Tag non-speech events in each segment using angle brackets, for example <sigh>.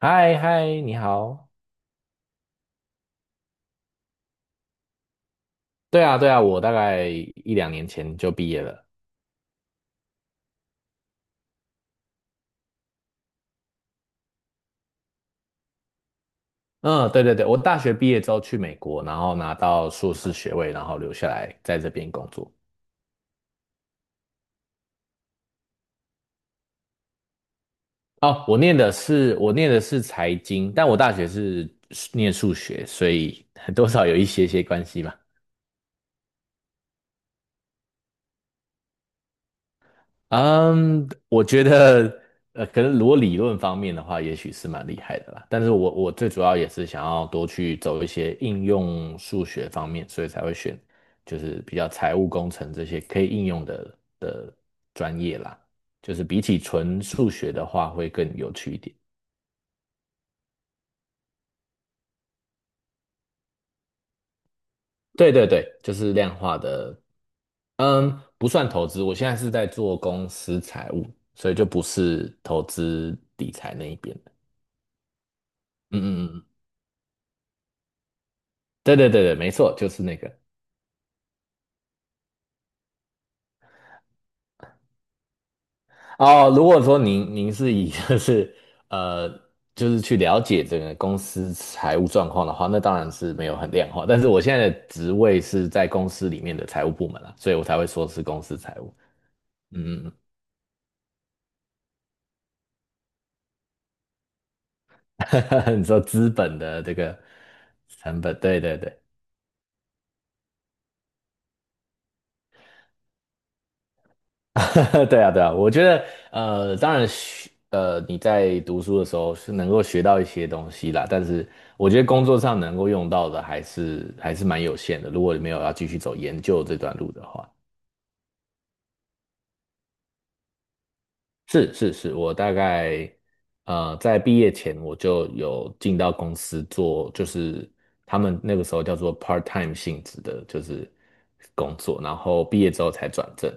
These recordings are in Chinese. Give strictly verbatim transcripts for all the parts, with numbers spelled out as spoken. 嗨嗨，你好。对啊，对啊，我大概一两年前就毕业了。嗯，对对对，我大学毕业之后去美国，然后拿到硕士学位，然后留下来在这边工作。哦，我念的是我念的是财经，但我大学是念数学，所以多少有一些些关系吧。嗯，我觉得，呃，可能如果理论方面的话，也许是蛮厉害的啦。但是我我最主要也是想要多去走一些应用数学方面，所以才会选就是比较财务工程这些可以应用的的专业啦。就是比起纯数学的话，会更有趣一点。对对对，就是量化的。嗯，不算投资。我现在是在做公司财务，所以就不是投资理财那一边的。嗯嗯嗯嗯对对对对，没错，就是那个。哦，如果说您您是以 <laughs> 就是呃就是去了解整个公司财务状况的话，那当然是没有很量化。但是我现在的职位是在公司里面的财务部门啊，所以我才会说是公司财务。嗯，嗯嗯 <laughs> 你说资本的这个成本，对对对。<laughs> 对啊，对啊，我觉得呃，当然学呃，你在读书的时候是能够学到一些东西啦，但是我觉得工作上能够用到的还是还是蛮有限的。如果你没有要继续走研究这段路的话，是是是，我大概呃在毕业前我就有进到公司做，就是他们那个时候叫做 part time 性质的，就是工作，然后毕业之后才转正。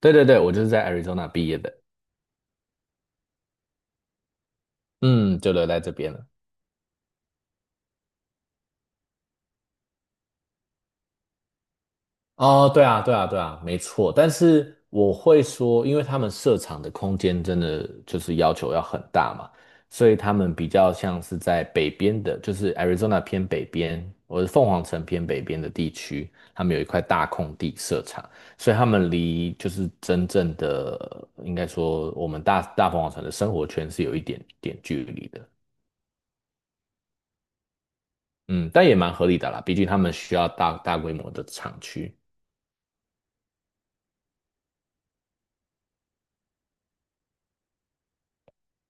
对对对，我就是在 Arizona 毕业的。嗯，就留在这边了。哦，对啊，对啊，对啊，没错。但是我会说，因为他们设厂的空间真的就是要求要很大嘛，所以他们比较像是在北边的，就是 Arizona 偏北边，或者凤凰城偏北边的地区，他们有一块大空地设厂，所以他们离就是真正的，应该说我们大大凤凰城的生活圈是有一点点距离的。嗯，但也蛮合理的啦，毕竟他们需要大大规模的厂区。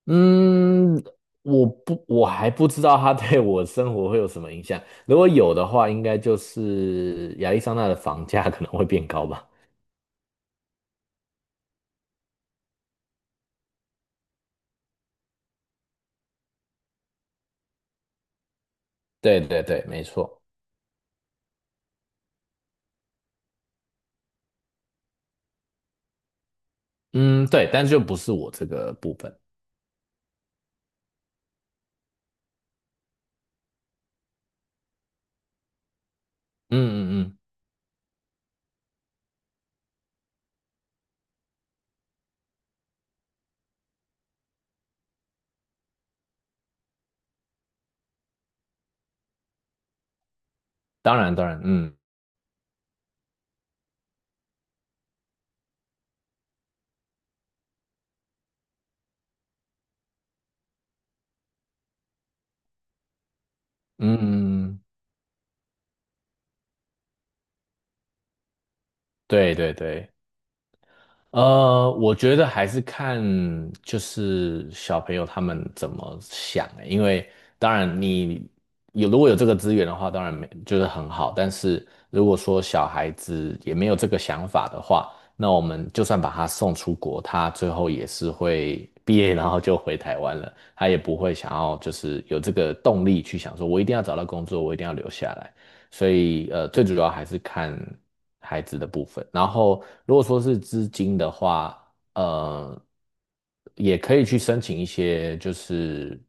嗯，我不，我还不知道它对我生活会有什么影响。如果有的话，应该就是亚利桑那的房价可能会变高吧。对对对，没错。嗯，对，但就不是我这个部分。嗯嗯嗯，当然当然，嗯嗯，嗯嗯对对对。呃，我觉得还是看就是小朋友他们怎么想欸，因为当然你有如果有这个资源的话，当然没就是很好，但是如果说小孩子也没有这个想法的话，那我们就算把他送出国，他最后也是会毕业然后就回台湾了，他也不会想要就是有这个动力去想说，我一定要找到工作，我一定要留下来。所以呃，最主要还是看孩子的部分。然后如果说是资金的话，呃，也可以去申请一些，就是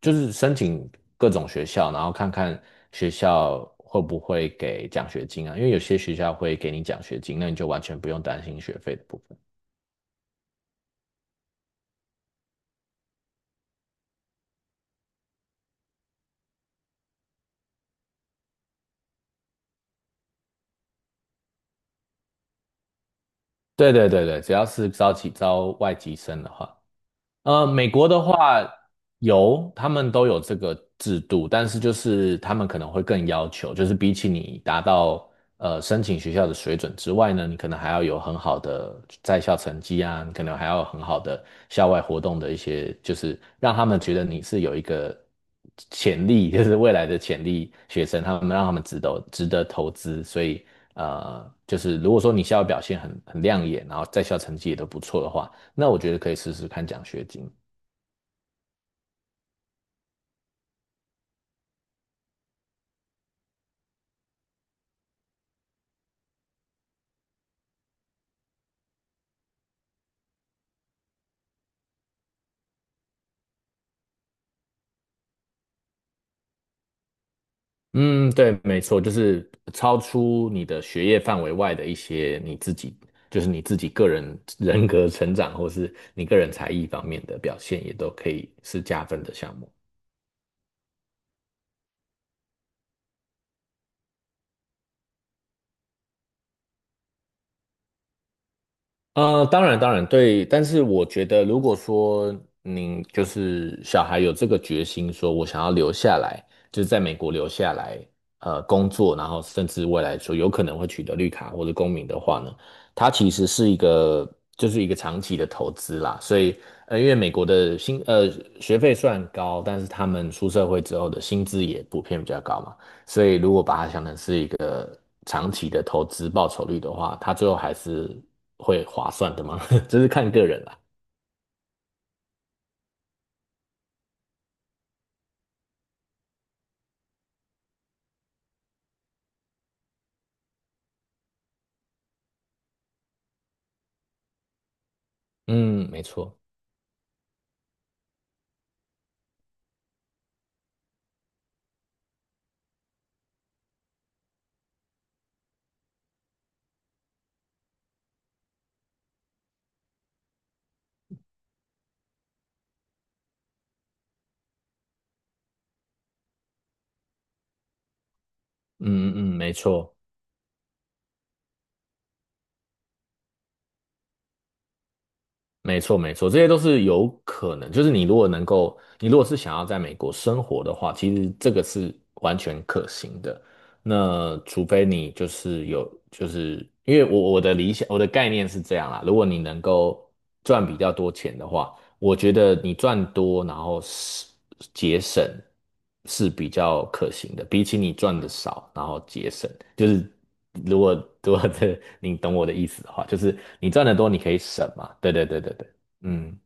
就是申请各种学校，然后看看学校会不会给奖学金啊，因为有些学校会给你奖学金，那你就完全不用担心学费的部分。对对对对，只要是招起招外籍生的话。呃，美国的话有，他们都有这个制度，但是就是他们可能会更要求，就是比起你达到呃申请学校的水准之外呢，你可能还要有很好的在校成绩啊，你可能还要有很好的校外活动的一些，就是让他们觉得你是有一个潜力，<laughs> 就是未来的潜力学生，他们让他们值得值得投资，所以呃，就是如果说你校外表现很很亮眼，然后在校成绩也都不错的话。那我觉得可以试试看奖学金。嗯，对，没错，就是超出你的学业范围外的一些你自己，就是你自己个人人格成长，或是你个人才艺方面的表现，也都可以是加分的项目。呃，当然，当然，对，但是我觉得，如果说您就是小孩有这个决心，说我想要留下来，就是在美国留下来，呃，工作，然后甚至未来说有可能会取得绿卡或者公民的话呢，它其实是一个就是一个长期的投资啦。所以，呃，因为美国的薪呃学费虽然高，但是他们出社会之后的薪资也普遍比较高嘛。所以如果把它想成是一个长期的投资报酬率的话，它最后还是会划算的吗？<laughs> 这是看个人啦。嗯，没错，嗯嗯嗯，没错，没错，没错，这些都是有可能。就是你如果能够，你如果是想要在美国生活的话，其实这个是完全可行的。那除非你就是有，就是因为我我的理想，我的概念是这样啦。如果你能够赚比较多钱的话，我觉得你赚多，然后是节省是比较可行的，比起你赚的少，然后节省，就是如果如果这你懂我的意思的话，就是你赚的多，你可以省嘛。对对对对对，嗯，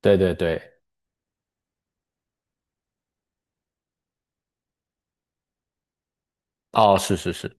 对对对，哦，是是是。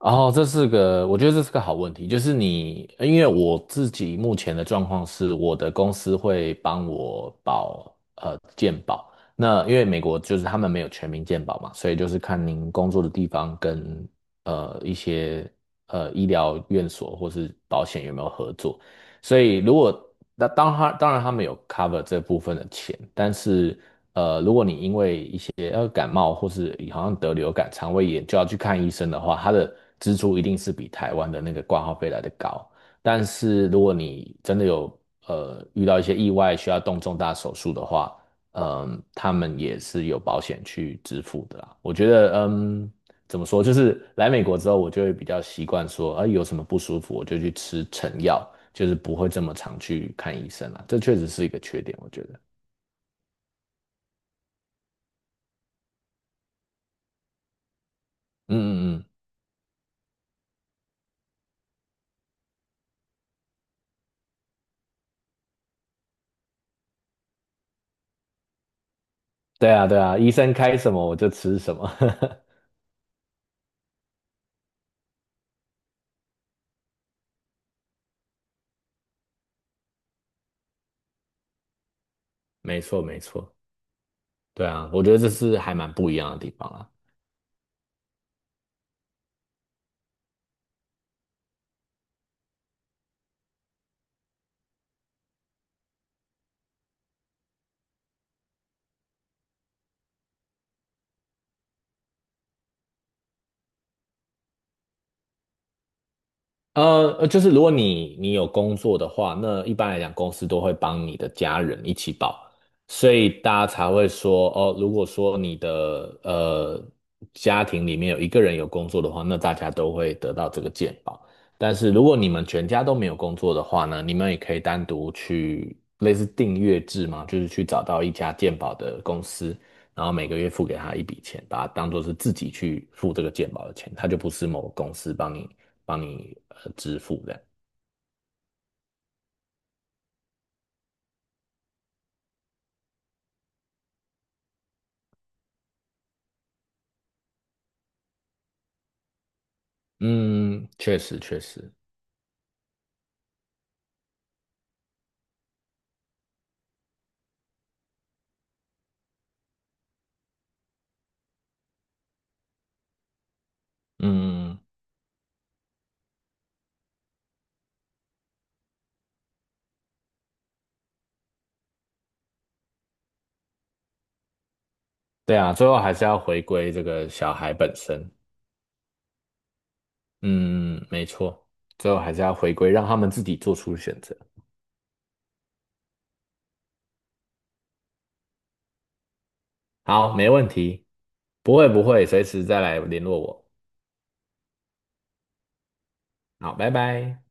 然后这是个，我觉得这是个好问题。就是你，因为我自己目前的状况是，我的公司会帮我保呃健保。那因为美国就是他们没有全民健保嘛，所以就是看您工作的地方跟呃一些呃医疗院所或是保险有没有合作。所以如果那当他当然他们有 cover 这部分的钱，但是一些呃感冒或是好像得流感、肠胃炎就要去看医生的话，他的支出一定是比台湾的那个挂号费来的高。但是如果你真的有呃遇到一些意外需要动重大手术的话，嗯，他们也是有保险去支付的啦。我觉得嗯。怎么说？就是来美国之后，我就会比较习惯说，啊，有什么不舒服我就去吃成药，就是不会这么常去看医生了。这确实是一个缺点，我觉得。嗯嗯嗯对啊，对啊，医生开什么我就吃什么。<laughs> 没错，没错，对啊，我觉得这是还蛮不一样的地方啊。呃，呃就是如果你你有工作的话，那一般来讲，公司都会帮你的家人一起保，所以大家才会说，哦，如果说你的呃家庭里面有一个人有工作的话，那大家都会得到这个健保。但是如果你们全家都没有工作的话呢，你们也可以单独去类似订阅制嘛，就是去找到一家健保的公司，然后每个月付给他一笔钱，把它当做是自己去付这个健保的钱，他就不是某个公司帮你。帮你呃支付的。嗯，确实确实，嗯，对啊，最后还是要回归这个小孩本身。嗯，没错，最后还是要回归，让他们自己做出选择。好，没问题，不会不会，随时再来联络我。好，拜拜。